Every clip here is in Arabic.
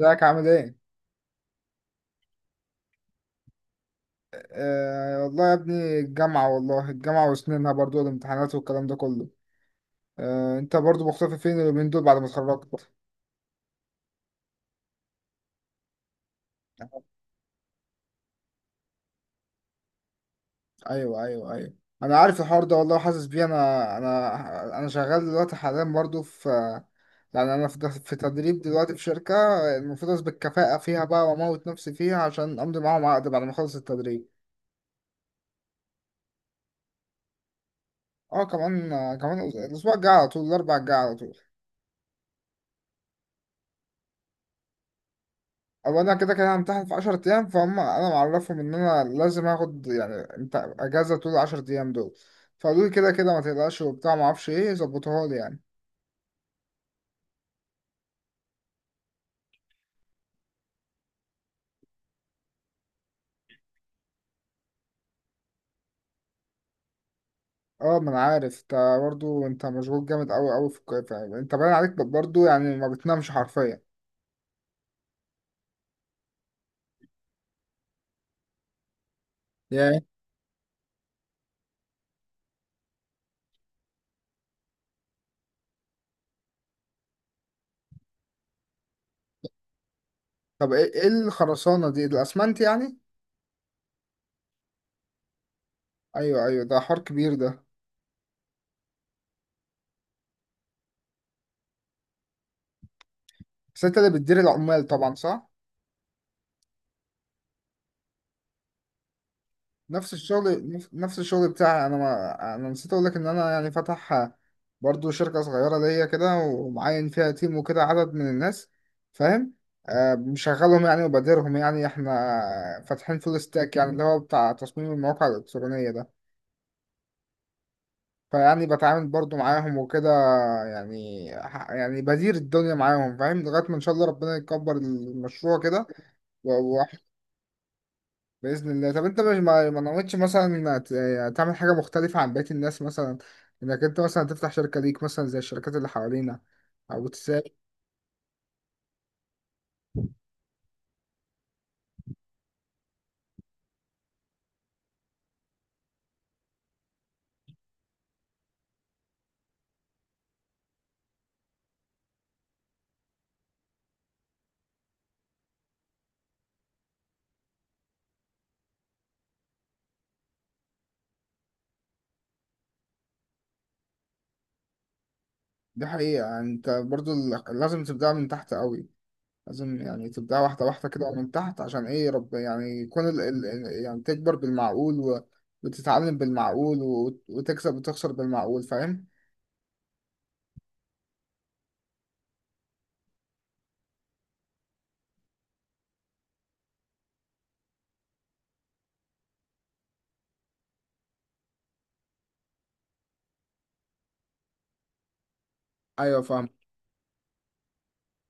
ازيك عامل ايه؟ آه والله يا ابني، الجامعة والله، الجامعة وسنينها برضو والامتحانات والكلام ده كله. آه انت برضو مختفي فين اليومين دول بعد ما اتخرجت؟ ايوه ايوه ايوه، انا عارف الحوار ده والله وحاسس بيه. انا شغال دلوقتي حاليا برضو في، انا في تدريب دلوقتي في شركة، المفروض اثبت كفاءة فيها بقى واموت نفسي فيها عشان امضي معاهم عقد بعد ما اخلص التدريب. اه كمان، كمان الاسبوع الجاي على طول، الاربع الجاي على طول. او انا كده كده همتحن في 10 ايام، فهم انا معرفهم ان انا لازم اخد يعني انت اجازه طول ال 10 ايام دول، فقالوا لي كده كده ما تقلقش وبتاع ما اعرفش ايه، ظبطوها لي يعني. اه ما انا عارف انت، برضه انت مشغول جامد قوي قوي في الكويت، يعني انت باين عليك برضه يعني ما بتنامش حرفيا. ياه. طب ايه، إيه الخرسانه دي، الاسمنت يعني؟ ايوه ايوه، ده حوار كبير ده. بس انت اللي بتدير العمال طبعا، صح؟ نفس الشغل، نفس الشغل بتاعي انا، ما انا نسيت اقول لك ان انا يعني فاتح برضو شركة صغيرة ليا كده، ومعين فيها تيم وكده، عدد من الناس، فاهم. آه مشغلهم يعني وبديرهم، يعني احنا فاتحين فول ستاك، يعني اللي هو بتاع تصميم المواقع الإلكترونية ده. فيعني بتعامل برضو معاهم وكده، يعني بدير الدنيا معاهم فاهم، لغاية ما ان شاء الله ربنا يكبر المشروع كده. بإذن الله. طب انت مش ما نويتش مثلا يعني تعمل حاجة مختلفة عن بقية الناس، مثلا انك انت مثلا تفتح شركة ليك مثلا زي الشركات اللي حوالينا، او تساعد. دي حقيقة، يعني انت برضو لازم تبدأ من تحت قوي، لازم يعني تبدأ واحدة واحدة كده من تحت، عشان ايه رب يعني يكون يعني تكبر بالمعقول و... وتتعلم بالمعقول و... وتكسب وتخسر بالمعقول، فاهم؟ ايوه فاهم.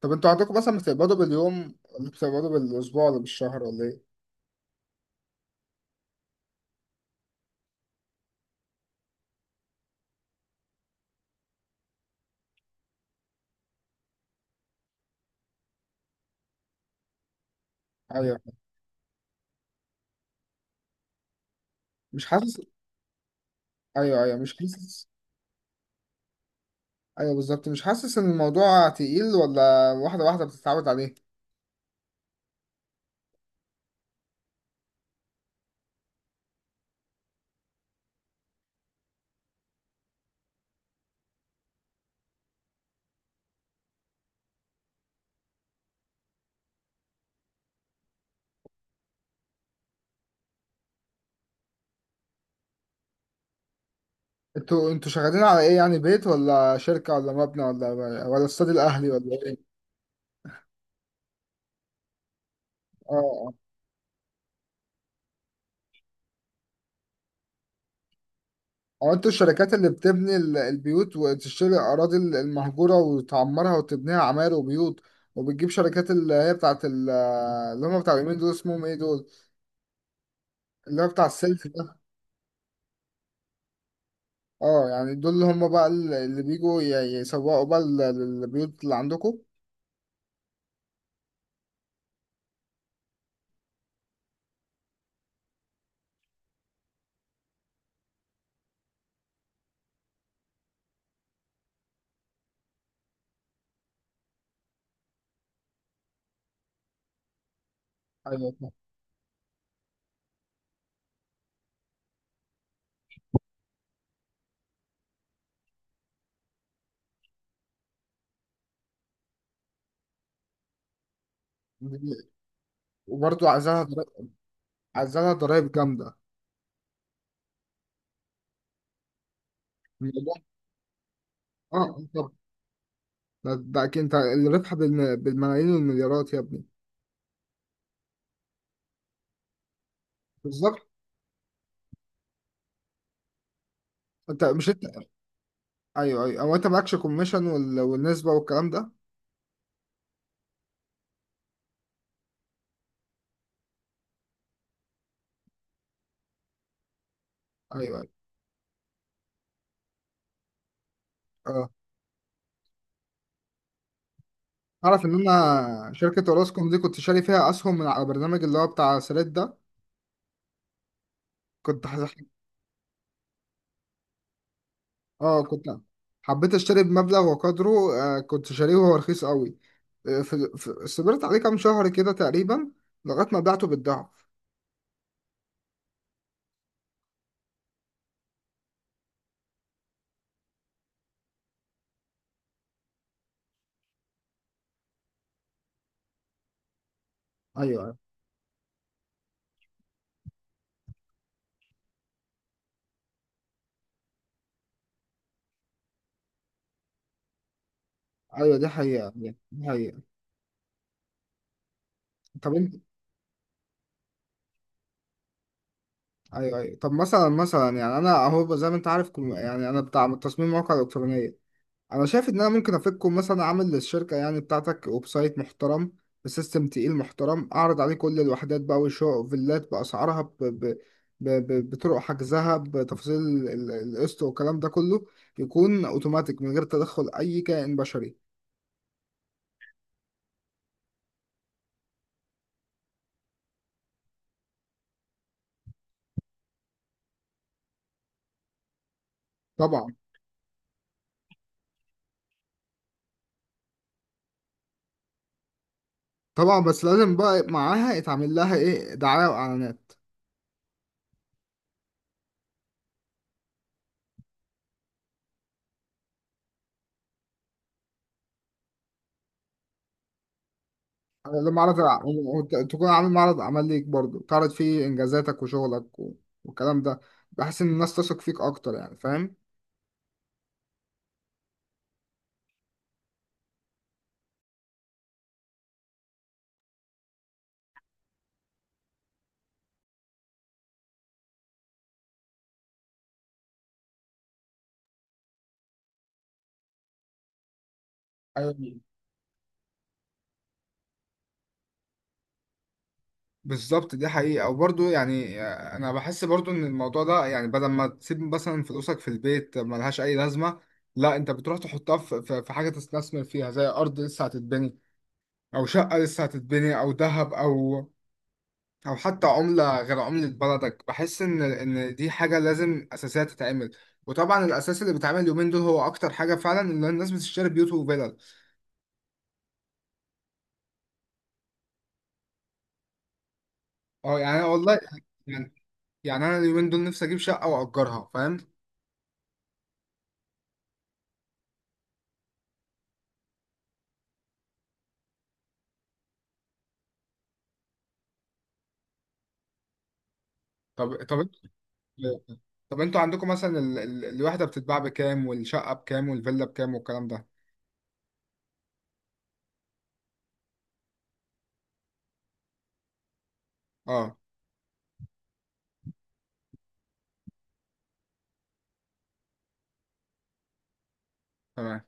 طب انتوا عندكم مثلا بتقبضوا باليوم ولا بتقبضوا بالاسبوع ولا بالشهر ولا ايه؟ ايوه. مش حاسس. ايوه ايوه، مش حاسس. ايوه بالظبط، مش حاسس ان الموضوع تقيل، ولا واحده واحده بتتعود عليه؟ انتوا شغالين على ايه، يعني بيت ولا شركه ولا مبنى ولا، ولا استاد الاهلي ولا ايه؟ اه. اه انتوا الشركات اللي بتبني البيوت وتشتري الاراضي المهجوره وتعمرها وتبنيها عماير وبيوت، وبتجيب شركات اللي هي اللي هم بتاع اليمين دول، اسمهم ايه دول، اللي هو بتاع السيلف ده. اه يعني دول اللي هم بقى اللي بيجوا يسوقوا بقى البيوت اللي عندكم. ايوه فاهم. وبرضه عايزاها، عايزالها ضرايب جامدة الموضوع. اه آه، طب ده ده أكيد أنت الربح بالملايين والمليارات يا ابني. بالظبط. أنت مش أنت، أيوه أيوه، هو أنت معكش كوميشن والنسبة والكلام ده؟ أيوه أيوه. أه أعرف إن أنا شركة أوراسكوم دي كنت شاري فيها أسهم، من على برنامج اللي هو بتاع سريت ده، كنت ح- أه كنت حبيت أشتري بمبلغ وقدره. آه كنت شاريه وهو رخيص قوي، آه، صبرت عليه كام شهر كده تقريبا، لغاية ما بعته بالضعف. أيوه أيوه. أيوة، دي حقيقة دي، حقيقة. طب انت، ايوه ايوه، طب مثلا مثلا، يعني انا اهو زي ما انت عارف، يعني انا بتاع تصميم مواقع الكترونيه، انا شايف ان انا ممكن افككم مثلا، اعمل للشركه يعني بتاعتك ويب سايت محترم، بسيستم تقيل محترم، اعرض عليه كل الوحدات بقى، وشقق، فيلات، باسعارها بطرق حجزها، بتفاصيل القسط والكلام ده كله، يكون اوتوماتيك من غير تدخل اي كائن بشري. طبعا. طبعا بس لازم بقى معاها يتعمل لها ايه، دعايه واعلانات. لما عرض، تكون عامل معرض عمل ليك برضه، تعرض فيه انجازاتك وشغلك والكلام ده، بحس ان الناس تثق فيك اكتر يعني، فاهم. ايوه بالظبط، دي حقيقة. وبرضه يعني آه، أنا بحس برضه إن الموضوع ده يعني بدل ما تسيب مثلا فلوسك في البيت ملهاش أي لازمة، لا أنت بتروح تحطها في في حاجة تستثمر فيها، زي أرض لسه هتتبني، أو شقة لسه هتتبني، أو ذهب، أو او حتى عملة غير عملة بلدك، بحس ان دي حاجة لازم اساسية تتعمل. وطبعا الاساس اللي بيتعمل اليومين دول هو اكتر حاجة فعلا، ان الناس بتشتري بيوت وفلل. اه يعني أنا والله، يعني، يعني انا اليومين دول نفسي اجيب شقة واجرها، فاهم. طب طب انت، طب انتوا عندكم مثلا الوحدة بتتباع بكام، والشقة بكام، والفيلا بكام، والكلام ده؟ اه. تمام.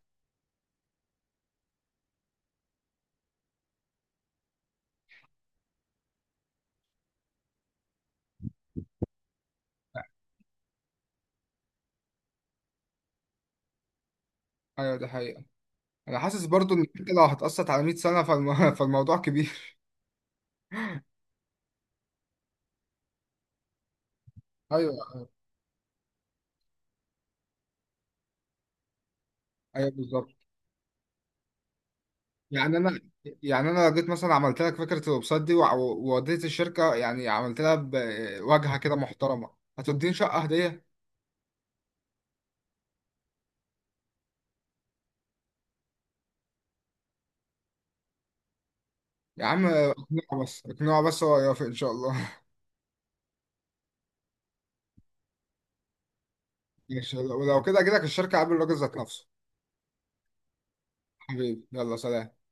ايوه دي حقيقة. انا حاسس برضو ان انت لو هتقسط على 100 سنة فالموضوع كبير. ايوه ايوه بالظبط. يعني انا، يعني انا لو جيت مثلا عملت لك فكره الويب سايت دي ووديت الشركه، يعني عملت لها بواجهه كده محترمه، هتديني شقه هديه. يا عم اقنعه بس، اقنعه بس هو يوافق ان شاء الله. ماشي، ولو كده اجي لك الشركه قبل الراجل ذات نفسه. حبيبي يلا سلام.